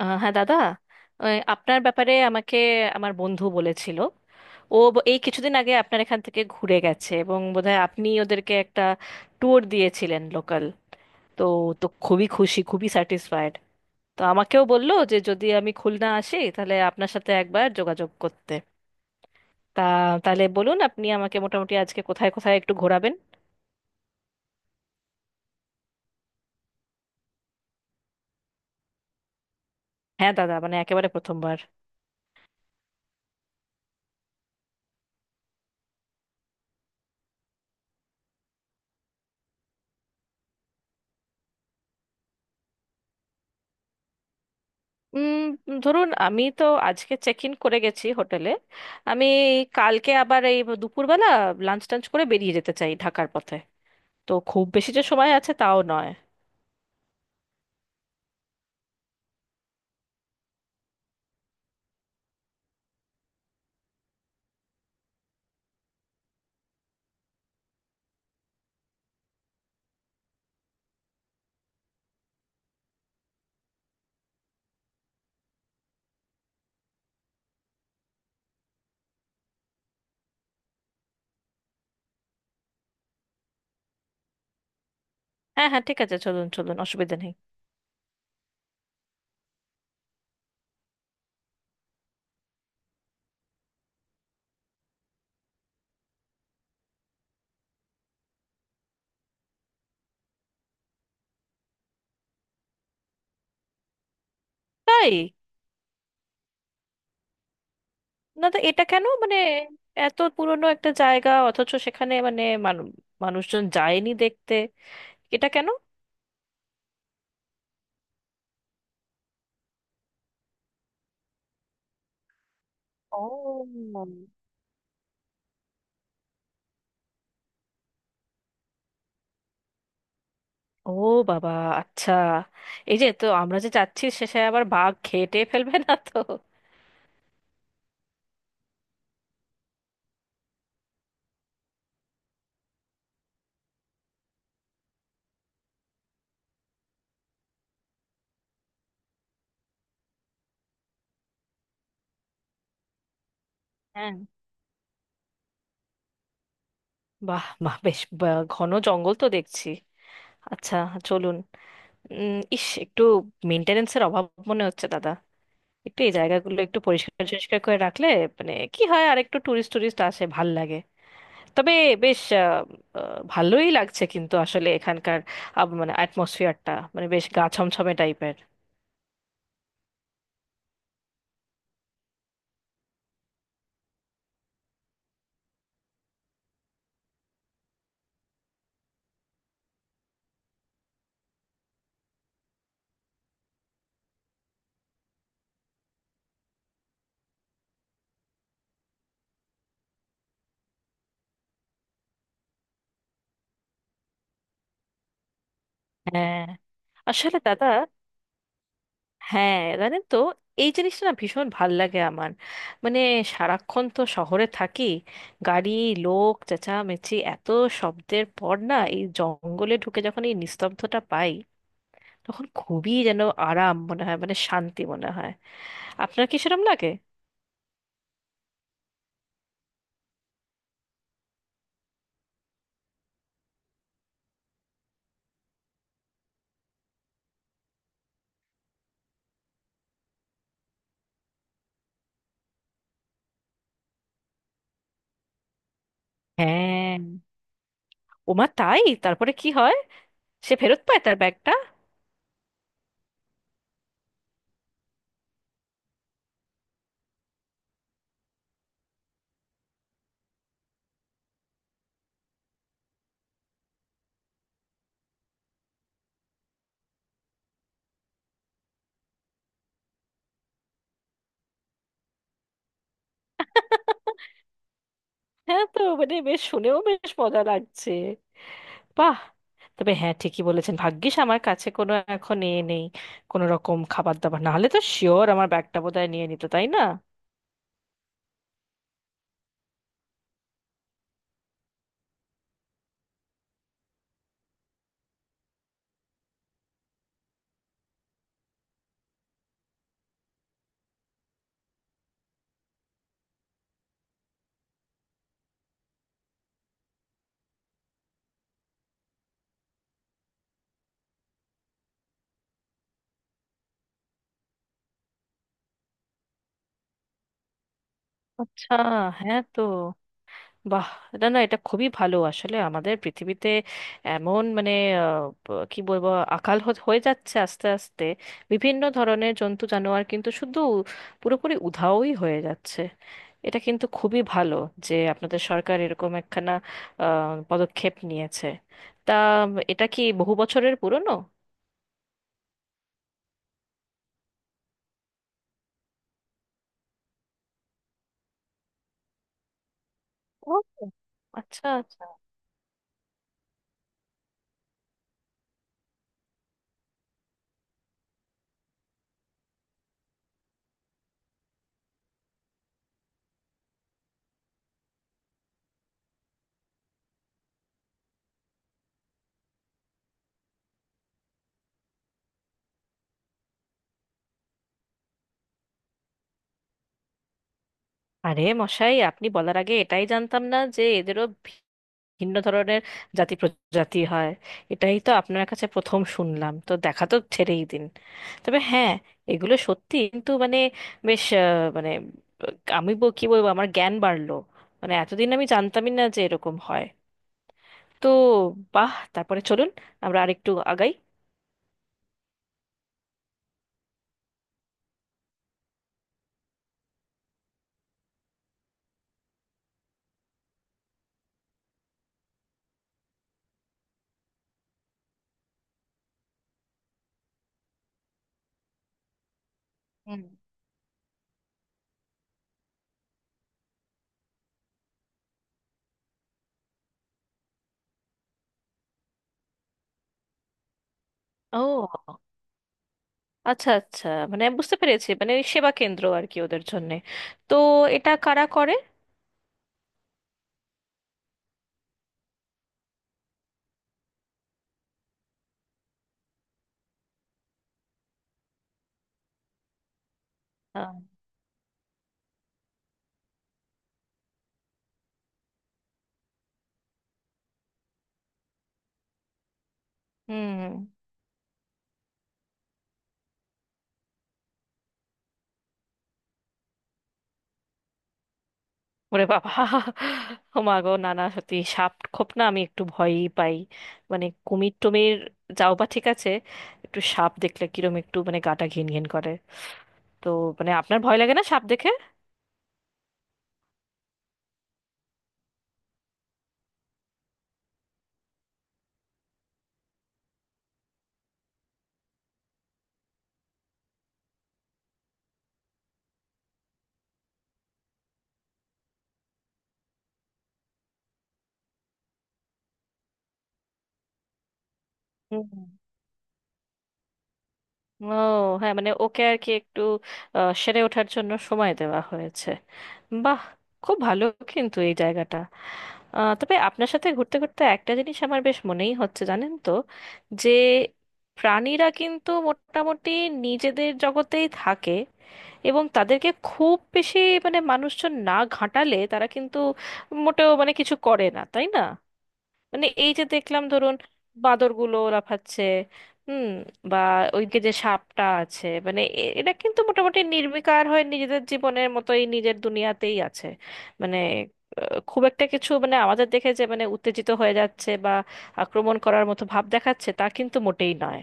হ্যাঁ দাদা। ওই আপনার ব্যাপারে আমাকে আমার বন্ধু বলেছিল ও এই কিছুদিন আগে আপনার এখান থেকে ঘুরে গেছে, এবং বোধহয় আপনি ওদেরকে একটা ট্যুর দিয়েছিলেন লোকাল। তো তো খুবই খুশি, খুবই স্যাটিসফাইড। তো আমাকেও বললো যে যদি আমি খুলনা আসি তাহলে আপনার সাথে একবার যোগাযোগ করতে। তা তাহলে বলুন আপনি আমাকে মোটামুটি আজকে কোথায় কোথায় একটু ঘোরাবেন। হ্যাঁ দাদা, মানে একেবারে প্রথমবার। উম, ধরুন আমি তো আজকে চেক ইন করে গেছি হোটেলে। আমি কালকে আবার এই দুপুরবেলা লাঞ্চ টাঞ্চ করে বেরিয়ে যেতে চাই ঢাকার পথে। তো খুব বেশি যে সময় আছে তাও নয়। হ্যাঁ হ্যাঁ, ঠিক আছে, চলুন চলুন, অসুবিধা নেই। তাই না? তো এটা কেন, মানে এত পুরনো একটা জায়গা অথচ সেখানে মানে মানুষজন যায়নি দেখতে। এটা কেন? ও! ও বাবা! আচ্ছা। এই যে তো আমরা যে যাচ্ছি, শেষে আবার বাঘ খেয়ে টেয়ে ফেলবে না তো? বাহ বাহ! বেশ ঘন জঙ্গল তো দেখছি। আচ্ছা, চলুন। ইস, একটু মেনটেনেন্সের অভাব মনে হচ্ছে দাদা। একটু এই জায়গাগুলো একটু পরিষ্কার পরিষ্কার করে রাখলে মানে কি হয়, আর একটু টুরিস্ট টুরিস্ট আসে, ভাল লাগে। তবে বেশ, আহ, আহ, ভালোই লাগছে কিন্তু আসলে এখানকার মানে অ্যাটমসফিয়ারটা মানে বেশ গা ছমছমে টাইপের। হ্যাঁ। আসলে দাদা, হ্যাঁ জানেন তো, এই জিনিসটা না ভীষণ ভাল লাগে আমার। মানে সারাক্ষণ তো শহরে থাকি, গাড়ি, লোক, চেঁচামেচি, এত শব্দের পর না এই জঙ্গলে ঢুকে যখন এই নিস্তব্ধতা পাই, তখন খুবই যেন আরাম মনে হয়, মানে শান্তি মনে হয়। আপনার কি সেরকম লাগে? হ্যাঁ। ওমা, তাই? তারপরে কি হয়? সে ফেরত পায় তার ব্যাগটা? হ্যাঁ, তো মানে বেশ শুনেও বেশ মজা লাগছে। বাহ। তবে হ্যাঁ, ঠিকই বলেছেন, ভাগ্যিস আমার কাছে কোনো এখন এ নেই, কোনো রকম খাবার দাবার, না হলে তো শিওর আমার ব্যাগটা বোধহয় নিয়ে নিত, তাই না? আচ্ছা। হ্যাঁ, তো বাহ। না না, এটা খুবই ভালো, আসলে আমাদের পৃথিবীতে এমন মানে কি বলবো, আকাল হয়ে যাচ্ছে আস্তে আস্তে। বিভিন্ন ধরনের জন্তু জানোয়ার কিন্তু শুধু পুরোপুরি উধাওই হয়ে যাচ্ছে। এটা কিন্তু খুবই ভালো যে আপনাদের সরকার এরকম একখানা পদক্ষেপ নিয়েছে। তা এটা কি বহু বছরের পুরনো? ও, আচ্ছা আচ্ছা। আরে মশাই, আপনি বলার আগে এটাই জানতাম না যে এদেরও ভিন্ন ধরনের জাতি প্রজাতি হয়। এটাই তো আপনার কাছে প্রথম শুনলাম, তো দেখা তো ছেড়েই দিন। তবে হ্যাঁ, এগুলো সত্যি কিন্তু মানে বেশ মানে আহ, আমি কি বলবো, আমার জ্ঞান বাড়লো। মানে এতদিন আমি জানতামই না যে এরকম হয়। তো বাহ, তারপরে চলুন আমরা আরেকটু আগাই। হুম। ও, আচ্ছা আচ্ছা, মানে বুঝতে পেরেছি, মানে ওই সেবা কেন্দ্র আর কি ওদের জন্যে। তো এটা কারা করে? আহ, হুম। ওরে বাবা! ও মা গো, না না সত্যি, সাপ খোপ না আমি একটু ভয়ই পাই। মানে কুমির টুমির যাও বা ঠিক আছে, একটু সাপ দেখলে কিরম একটু মানে গাটা ঘিনঘিন করে। তো মানে আপনার ভয় লাগে না সাপ দেখে? ও হ্যাঁ, মানে ওকে আর কি একটু সেরে ওঠার জন্য সময় দেওয়া হয়েছে। বাহ, খুব ভালো। কিন্তু এই জায়গাটা তবে আপনার সাথে ঘুরতে ঘুরতে একটা জিনিস আমার বেশ মনেই হচ্ছে, জানেন তো, যে প্রাণীরা কিন্তু মোটামুটি নিজেদের জগতেই থাকে, এবং তাদেরকে খুব বেশি, মানে মানুষজন না ঘাঁটালে তারা কিন্তু মোটেও মানে কিছু করে না, তাই না? মানে এই যে দেখলাম, ধরুন বাঁদরগুলো লাফাচ্ছে, হুম, বা ওইদিকে যে সাপটা আছে, মানে এরা কিন্তু মোটামুটি নির্বিকার হয়ে নিজেদের জীবনের মতোই নিজের দুনিয়াতেই আছে। মানে খুব একটা কিছু মানে আমাদের দেখে যে মানে উত্তেজিত হয়ে যাচ্ছে বা আক্রমণ করার মতো ভাব দেখাচ্ছে, তা কিন্তু মোটেই নয়।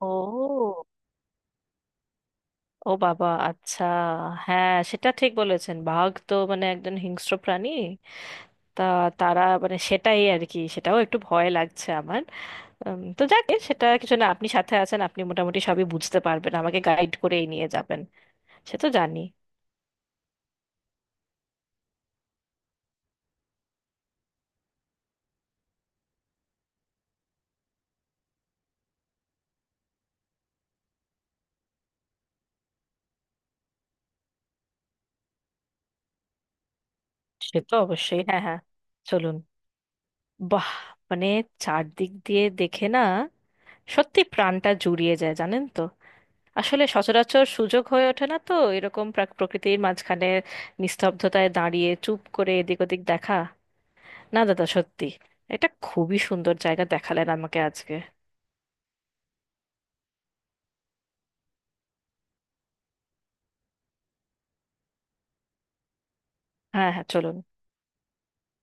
ও! ও বাবা! আচ্ছা। হ্যাঁ, সেটা ঠিক বলেছেন, বাঘ তো মানে একজন হিংস্র প্রাণী। তা তারা মানে সেটাই আর কি, সেটাও একটু ভয় লাগছে আমার। তো যাক, এ সেটা কিছু না, আপনি সাথে আছেন, আপনি মোটামুটি সবই বুঝতে পারবেন, আমাকে গাইড করেই নিয়ে যাবেন। সে তো জানি। সে তো অবশ্যই, হ্যাঁ হ্যাঁ, চলুন। বাহ, মানে চারদিক দিয়ে দেখে না, সত্যি প্রাণটা জুড়িয়ে যায়, জানেন তো। আসলে সচরাচর সুযোগ হয়ে ওঠে না তো এরকম প্রকৃতির মাঝখানে নিস্তব্ধতায় দাঁড়িয়ে চুপ করে এদিক ওদিক দেখা। না দাদা, সত্যি এটা খুবই সুন্দর জায়গা দেখালেন আমাকে আজকে। হ্যাঁ হ্যাঁ, চলুন।